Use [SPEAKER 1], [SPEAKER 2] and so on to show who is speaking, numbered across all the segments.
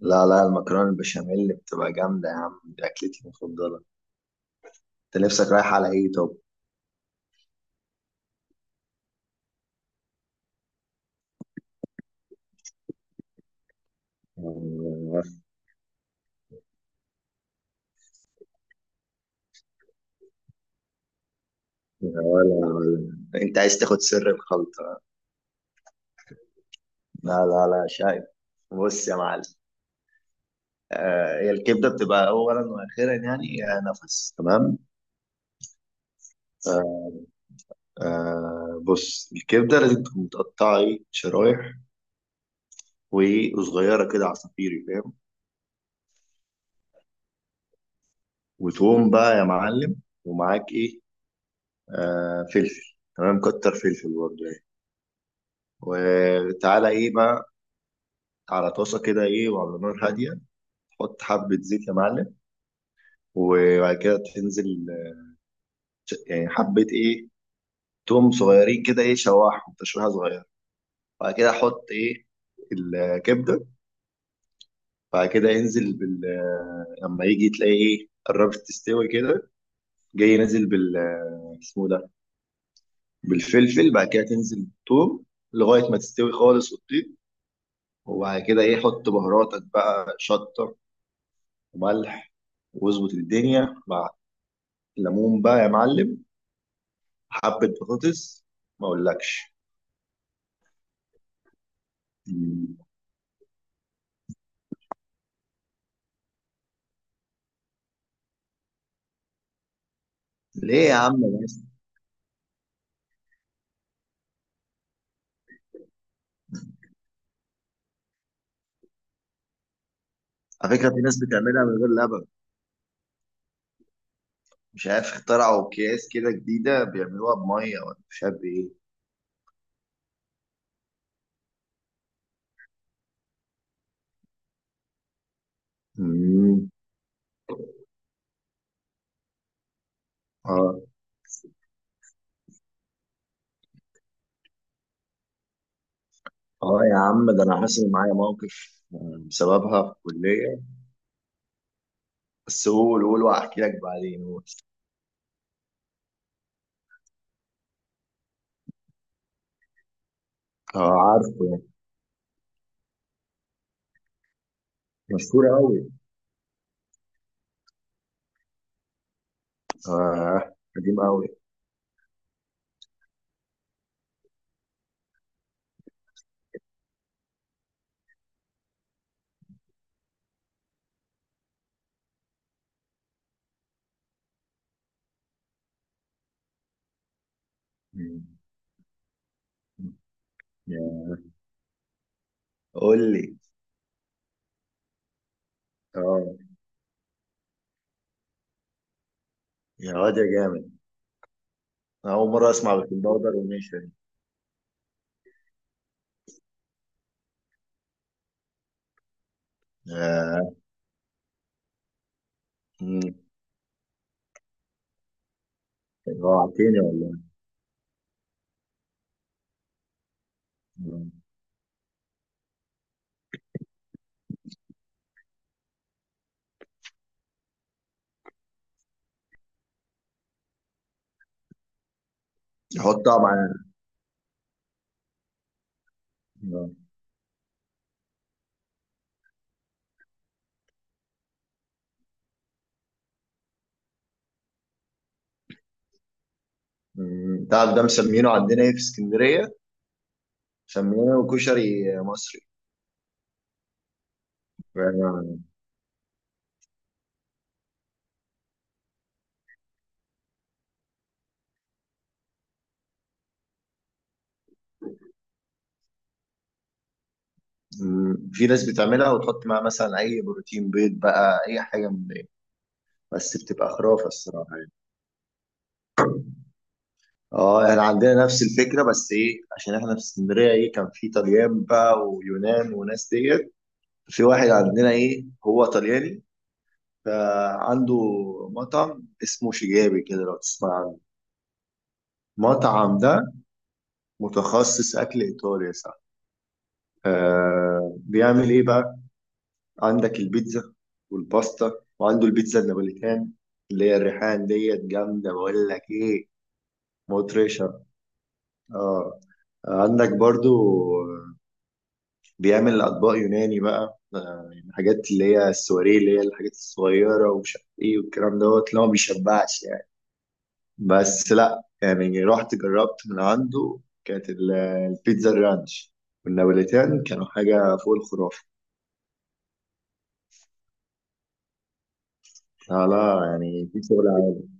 [SPEAKER 1] لا لا، المكرونة البشاميل بتبقى جامدة يا عم، دي أكلتي المفضلة. أنت نفسك رايح على إيه طب؟ آه. ولا ولا، أنت عايز تاخد سر الخلطة؟ لا لا لا، شايف؟ بص يا معلم، هي الكبدة بتبقى أولا وأخيرا، يعني نفس، تمام؟ آه، بص، الكبدة لازم تكون متقطعة إيه، شرايح، وصغيرة كده عصافيري، فاهم؟ وتقوم بقى يا معلم، ومعاك إيه؟ فلفل، تمام، كتر فلفل برضه يعني. وتعالى ايه بقى، على طاسه كده ايه، وعلى نار هاديه تحط حبه زيت يا معلم. وبعد كده تنزل يعني حبه ايه، توم صغيرين كده، ايه، شوحهم تشويحه صغيره. بعد كده حط ايه؟ الكبده. بعد كده انزل بال لما يجي تلاقي ايه قربت تستوي كده، جاي نازل بال اسمه ده، بالفلفل. بعد كده تنزل بالثوم لغايه ما تستوي خالص وتطيب. وبعد كده ايه، حط بهاراتك بقى، شطه وملح، واظبط الدنيا مع ليمون بقى يا معلم، حبة بطاطس، ما اقولكش. مم. ليه يا عم بس؟ على فكرة في ناس بتعملها من غير لبن. مش عارف اخترعوا اكياس كده جديدة بيعملوها بمية، ولا مش عارف ايه. مم. اه. اه يا عم، ده انا حاسس ان معايا موقف بسببها في الكلية، بس قول، واحكي لك بعدين، قول. اه، عارفه يعني. مشهور قوي. اه، قديم قوي. مم. يا. قول لي. اه. يا واد يا جامد، أنا أول مرة أسمع بالكم باودر، وماشي. آه. مم. جوعتني والله. آه. حط طبعا. آه. مم. تعرف ده مسمينه عندنا ايه في اسكندرية؟ مسمينه كشري مصري. يعني. مم. في ناس بتعملها وتحط معاها مثلا اي بروتين، بيض بقى، اي حاجة من دي، بس بتبقى خرافة الصراحة يعني. اه، احنا عندنا نفس الفكرة بس ايه، عشان احنا في اسكندرية ايه، كان في طليان بقى ويونان وناس ديت. في واحد عندنا ايه، هو طلياني، فعنده مطعم اسمه شجابي كده، لو تسمع. مطعم ده متخصص أكل إيطالي يا صاحبي. آه بيعمل إيه بقى؟ عندك البيتزا والباستا، وعنده البيتزا النابوليتان اللي هي الريحان ديت، جامدة، بقول لك إيه، مطرشة. آه. عندك برضو بيعمل أطباق يوناني بقى، آه يعني حاجات اللي هي السواريه، اللي هي الحاجات الصغيرة ومش عارف إيه والكلام دوت، اللي هو ما بيشبعش يعني. بس لا، يعني رحت جربت من عنده، كانت البيتزا الرانش والنابوليتان كانوا حاجة فوق الخرافة. لا لا، يعني في شغل علينا.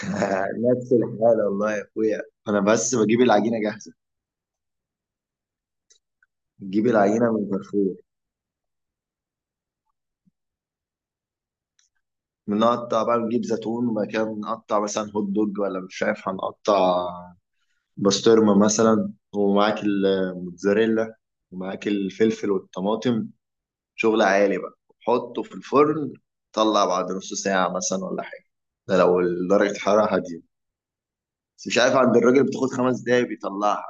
[SPEAKER 1] نفس الحالة والله يا أخويا. أنا بس بجيب العجينة جاهزة، نجيب العجينة من كارفور، بنقطع بقى، نجيب زيتون، وبعد كده بنقطع مثلا هوت دوج، ولا مش عارف، هنقطع بسطرمة مثلا، ومعاك الموتزاريلا، ومعاك الفلفل والطماطم، شغل عالي بقى، حطه في الفرن، طلع بعد نص ساعة مثلا، ولا حاجة. ده لو درجة الحرارة هادية، بس مش عارف، عند الراجل بتاخد خمس دقايق بيطلعها.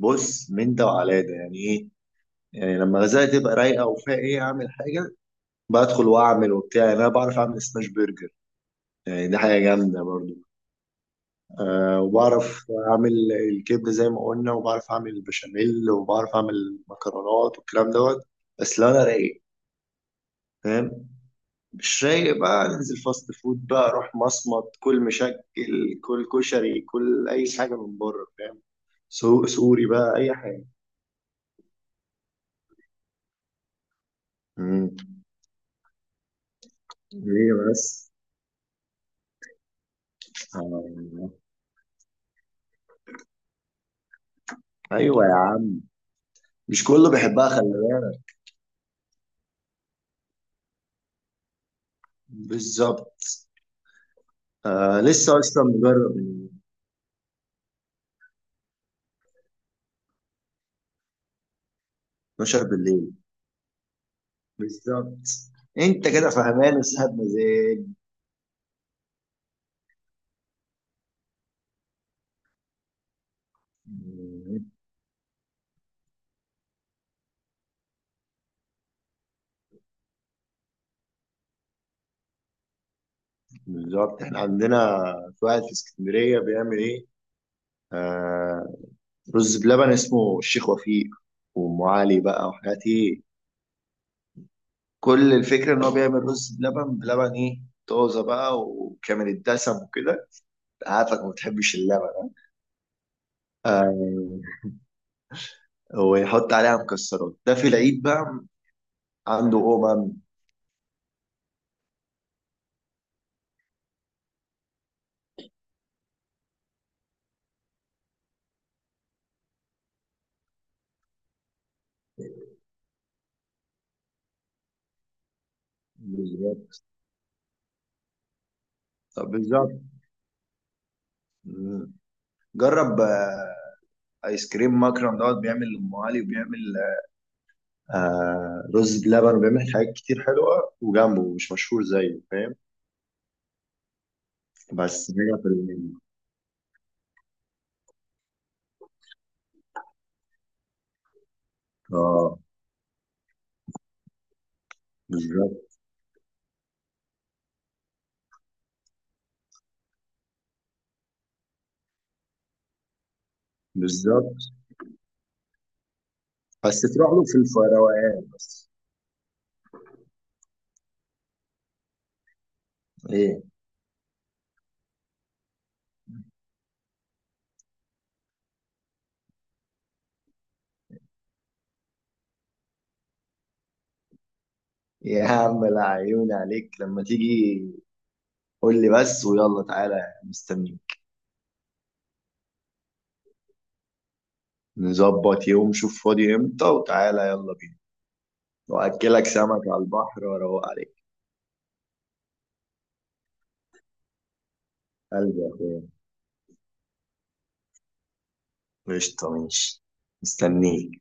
[SPEAKER 1] بص، من ده وعلى ده يعني ايه، يعني لما غزالة تبقى رايقة وفيها ايه اعمل حاجة، بدخل واعمل وبتاع، يعني انا بعرف اعمل سماش برجر، يعني دي حاجة جامدة برضو. أه، وبعرف اعمل الكبدة زي ما قلنا، وبعرف اعمل البشاميل، وبعرف اعمل مكرونات والكلام دوت. بس لو انا رايق، فاهم. مش رايق بقى، ننزل فاست فود بقى، روح مصمت، كل مشكل، كل كشري، كل اي حاجه من بره، فاهم. سوق سوري بقى، اي حاجه. امم. ليه بس؟ آه. ايوه يا عم، مش كله بيحبها، خلي بالك. بالظبط. آه، لسه اصلا مجرب من 12 بالليل. بالظبط. انت كده فهمان وسهب مزاج. مم. بالظبط. احنا عندنا في واحد في اسكندريه بيعمل ايه، رز بلبن، اسمه الشيخ وفيق، وام علي بقى وحاجات ايه. كل الفكره ان هو بيعمل رز بلبن، بلبن ايه، طازه بقى وكامل الدسم وكده. عارفك ما بتحبش اللبن. آه. ويحط عليها مكسرات. ده في العيد بقى عنده قومه. بالظبط. طب بالظبط. مم. جرب ايس كريم مكرم دوت، بيعمل ام علي، وبيعمل آه رز بلبن، وبيعمل حاجات كتير حلوه، وجنبه مش مشهور زيه، فاهم. بس هي في اه. بالظبط. بالظبط. بس تروح له في الفروقان بس. ايه. يا عم، العيون عليك لما تيجي، قول لي بس ويلا تعالى، مستنيك. نظبط يوم، شوف فاضي امتى وتعالى، يلا بينا، واكلك سمك على البحر واروق عليك. قلبي يا اخويا، قشطة، ماشي، مستنيك.